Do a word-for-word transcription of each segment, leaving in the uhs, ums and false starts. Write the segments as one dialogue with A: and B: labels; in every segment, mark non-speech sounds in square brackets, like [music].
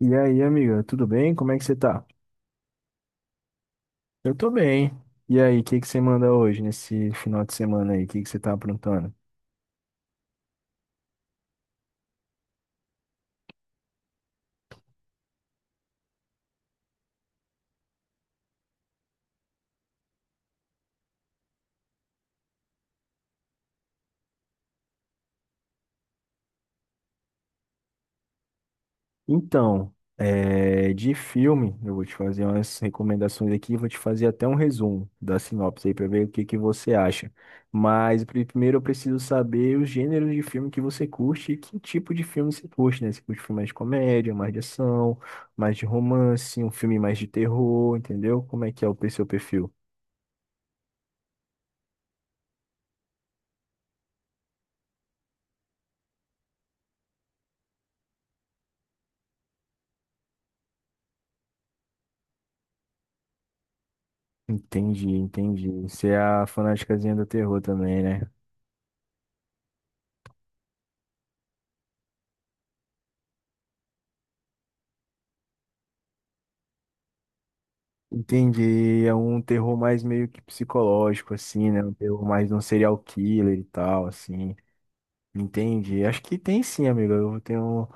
A: E aí, amiga, tudo bem? Como é que você tá? Eu tô bem. E aí, o que que você manda hoje, nesse final de semana aí? O que que você tá aprontando? Então, é, de filme, eu vou te fazer umas recomendações aqui, vou te fazer até um resumo da sinopse aí pra ver o que que você acha. Mas pri- primeiro eu preciso saber os gêneros de filme que você curte e que tipo de filme você curte, né? Você curte filme mais de comédia, mais de ação, mais de romance, um filme mais de terror, entendeu? Como é que é o seu perfil? Entendi, entendi. Você é a fanaticazinha do terror também, né? Entendi. É um terror mais meio que psicológico, assim, né? Um terror mais de um serial killer e tal, assim. Entendi. Acho que tem sim, amigo. Eu tenho.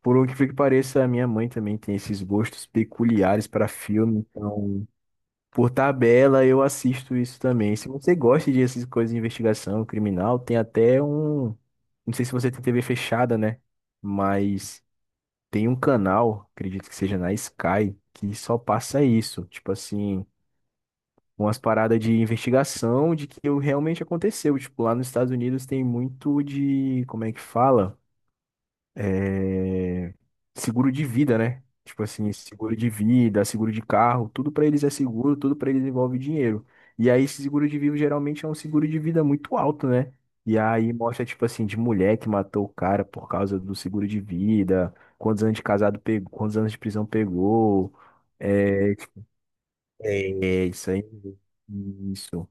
A: Por o que pareça, a minha mãe também tem esses gostos peculiares para filme. Então, por tabela, eu assisto isso também. Se você gosta de essas coisas de investigação criminal, tem até um. Não sei se você tem T V fechada, né? Mas. Tem um canal, acredito que seja na Sky, que só passa isso. Tipo assim, umas paradas de investigação de que o- realmente aconteceu. Tipo, lá nos Estados Unidos tem muito de, como é que fala? é, Seguro de vida, né? Tipo assim, seguro de vida, seguro de carro, tudo pra eles é seguro, tudo pra eles envolve dinheiro. E aí esse seguro de vida geralmente é um seguro de vida muito alto, né? E aí mostra tipo assim de mulher que matou o cara por causa do seguro de vida, quantos anos de casado pegou, quantos anos de prisão pegou. É, tipo, é isso aí. Isso.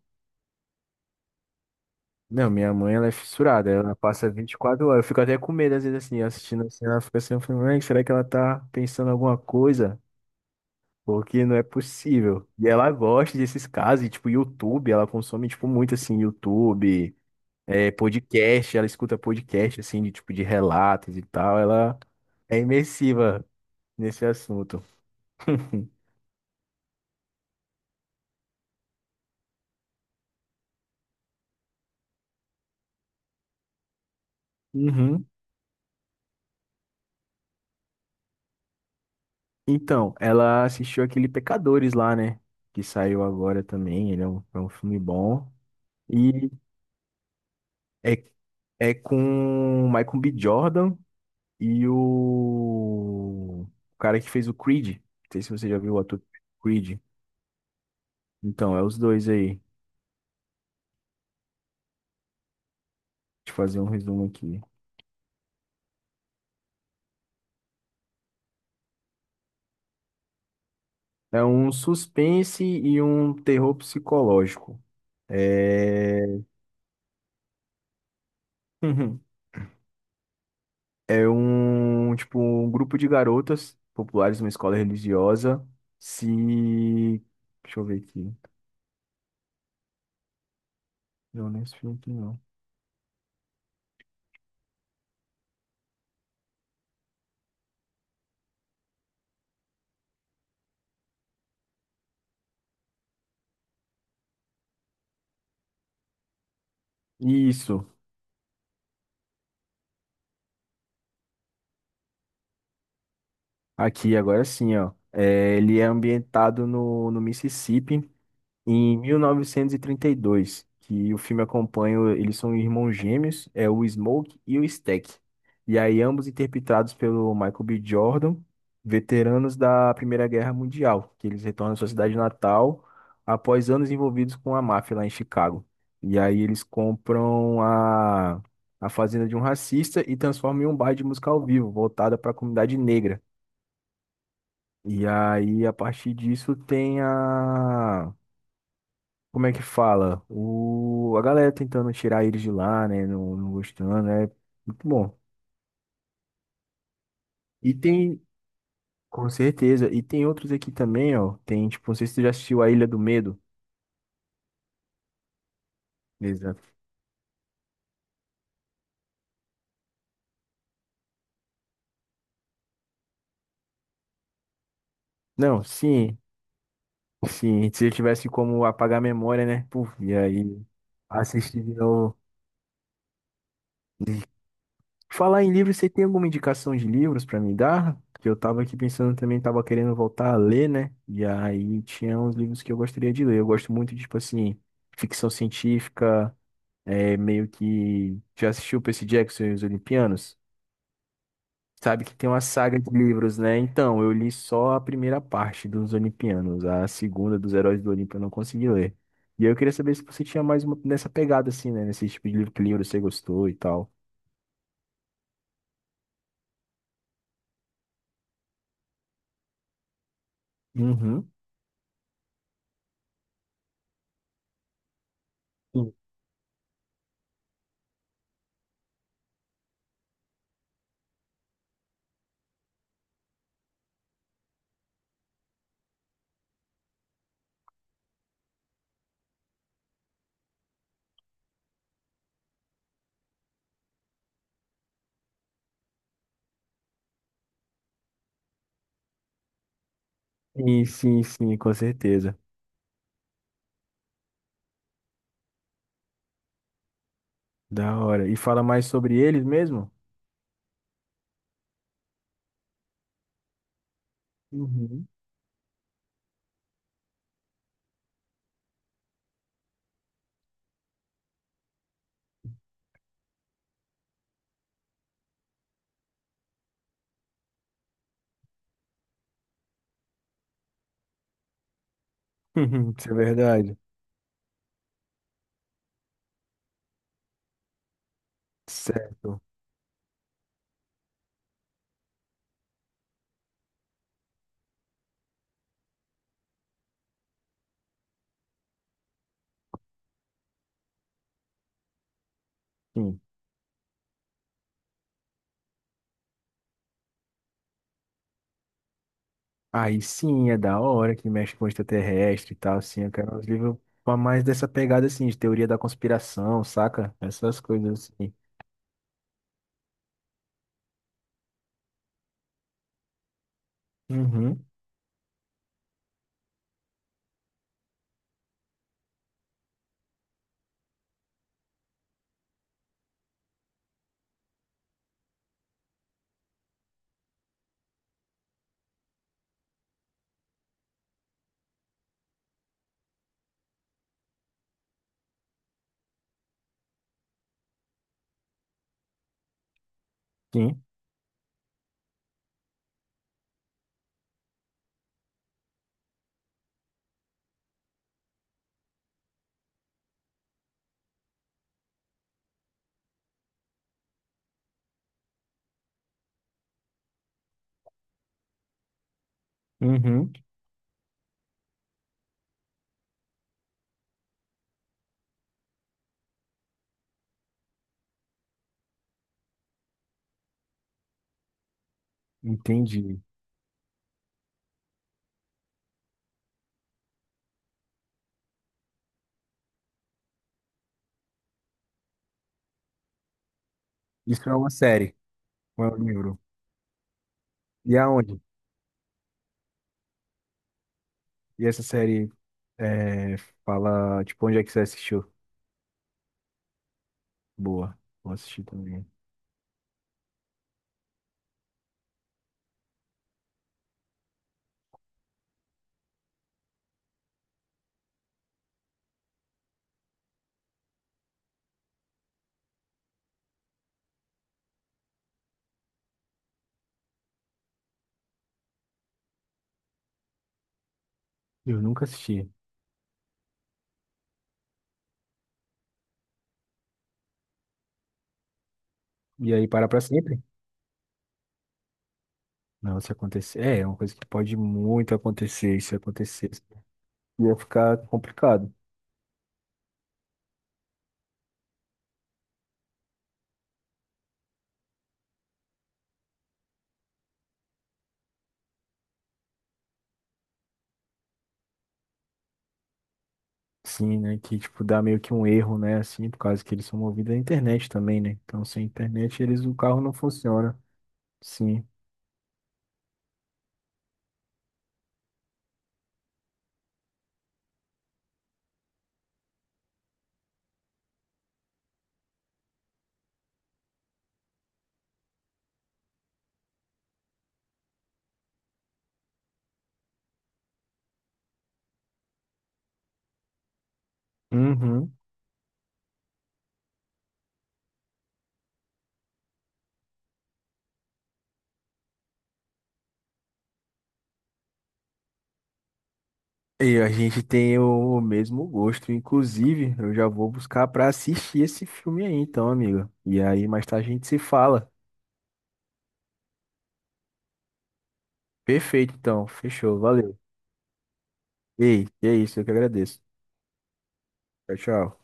A: Não, minha mãe, ela é fissurada, ela passa vinte e quatro horas. Eu fico até com medo, às vezes, assim, assistindo assim, ela fica assim, eu falo, mãe, será que ela tá pensando alguma coisa? Porque não é possível. E ela gosta desses casos, e, tipo, YouTube, ela consome, tipo, muito, assim, YouTube, é, podcast, ela escuta podcast, assim, de, tipo, de relatos e tal, ela é imersiva nesse assunto. [laughs] Uhum. Então, ela assistiu aquele Pecadores lá, né? Que saiu agora também. Ele é um, é um filme bom. E É, é com o Michael B. Jordan e o... o cara que fez o Creed. Não sei se você já viu o ator Creed. Então, é os dois aí. Deixa eu fazer um resumo aqui. É um suspense e um terror psicológico. É... [laughs] É um, tipo, um grupo de garotas populares numa escola religiosa se... Deixa eu ver aqui. Não, não é esse filme aqui, não. Isso. Aqui, agora sim, ó. É, ele é ambientado no, no Mississippi em mil novecentos e trinta e dois, que o filme acompanha, o- eles são irmãos gêmeos, é o Smoke e o Stack. E aí, ambos interpretados pelo Michael B. Jordan, veteranos da Primeira Guerra Mundial, que eles retornam à sua cidade natal após anos envolvidos com a máfia lá em Chicago. E aí, eles compram a, a fazenda de um racista e transformam em um bar de música ao vivo, voltada para a comunidade negra. E aí, a partir disso, tem a. Como é que fala? O... A galera tentando tirar eles de lá, né? Não, não gostando, é muito bom. E tem, com certeza, e tem outros aqui também, ó. Tem, tipo, não sei se tu já assistiu A Ilha do Medo. Exato. Não, sim, sim. Se eu tivesse como apagar a memória, né? Puf, e aí, assistir de novo. Falar em livros, você tem alguma indicação de livros pra me dar? Que eu tava aqui pensando também, tava querendo voltar a ler, né? E aí tinha uns livros que eu gostaria de ler. Eu gosto muito, de, tipo assim, ficção científica, é meio que. Já assistiu Percy Jackson e os Olimpianos? Sabe que tem uma saga de livros, né? Então, eu li só a primeira parte dos Olimpianos, a segunda dos Heróis do Olimpo eu não consegui ler. E aí eu queria saber se você tinha mais uma nessa pegada, assim, né? Nesse tipo de livro, que livro você gostou e tal. Uhum. Sim, sim, sim, com certeza. Da hora. E fala mais sobre eles mesmo? Uhum. [laughs] Isso é verdade. Certo. Sim. Aí sim, é da hora que mexe com extraterrestre e tal, assim. Eu quero uns livros pra mais dessa pegada, assim, de teoria da conspiração, saca? Essas coisas assim. Uhum. Sim. Uhum. Entendi. Isso é uma série, não é um livro. E aonde? E essa série é, fala, tipo, onde é que você assistiu? Boa. Vou assistir também. Eu nunca assisti. E aí para pra sempre? Não, se acontecer. É, é uma coisa que pode muito acontecer. Se acontecesse, ia ficar complicado. Sim, né? Que, tipo, dá meio que um erro, né? Assim, por causa que eles são movidos à internet também, né? Então, sem internet, eles, o carro não funciona. Sim. Uhum. E a gente tem o o mesmo gosto. Inclusive, eu já vou buscar pra assistir esse filme aí, então, amigo. E aí, mais tarde a gente se fala. Perfeito, então. Fechou. Valeu. Ei, é isso. Eu que agradeço. Tchau, tchau.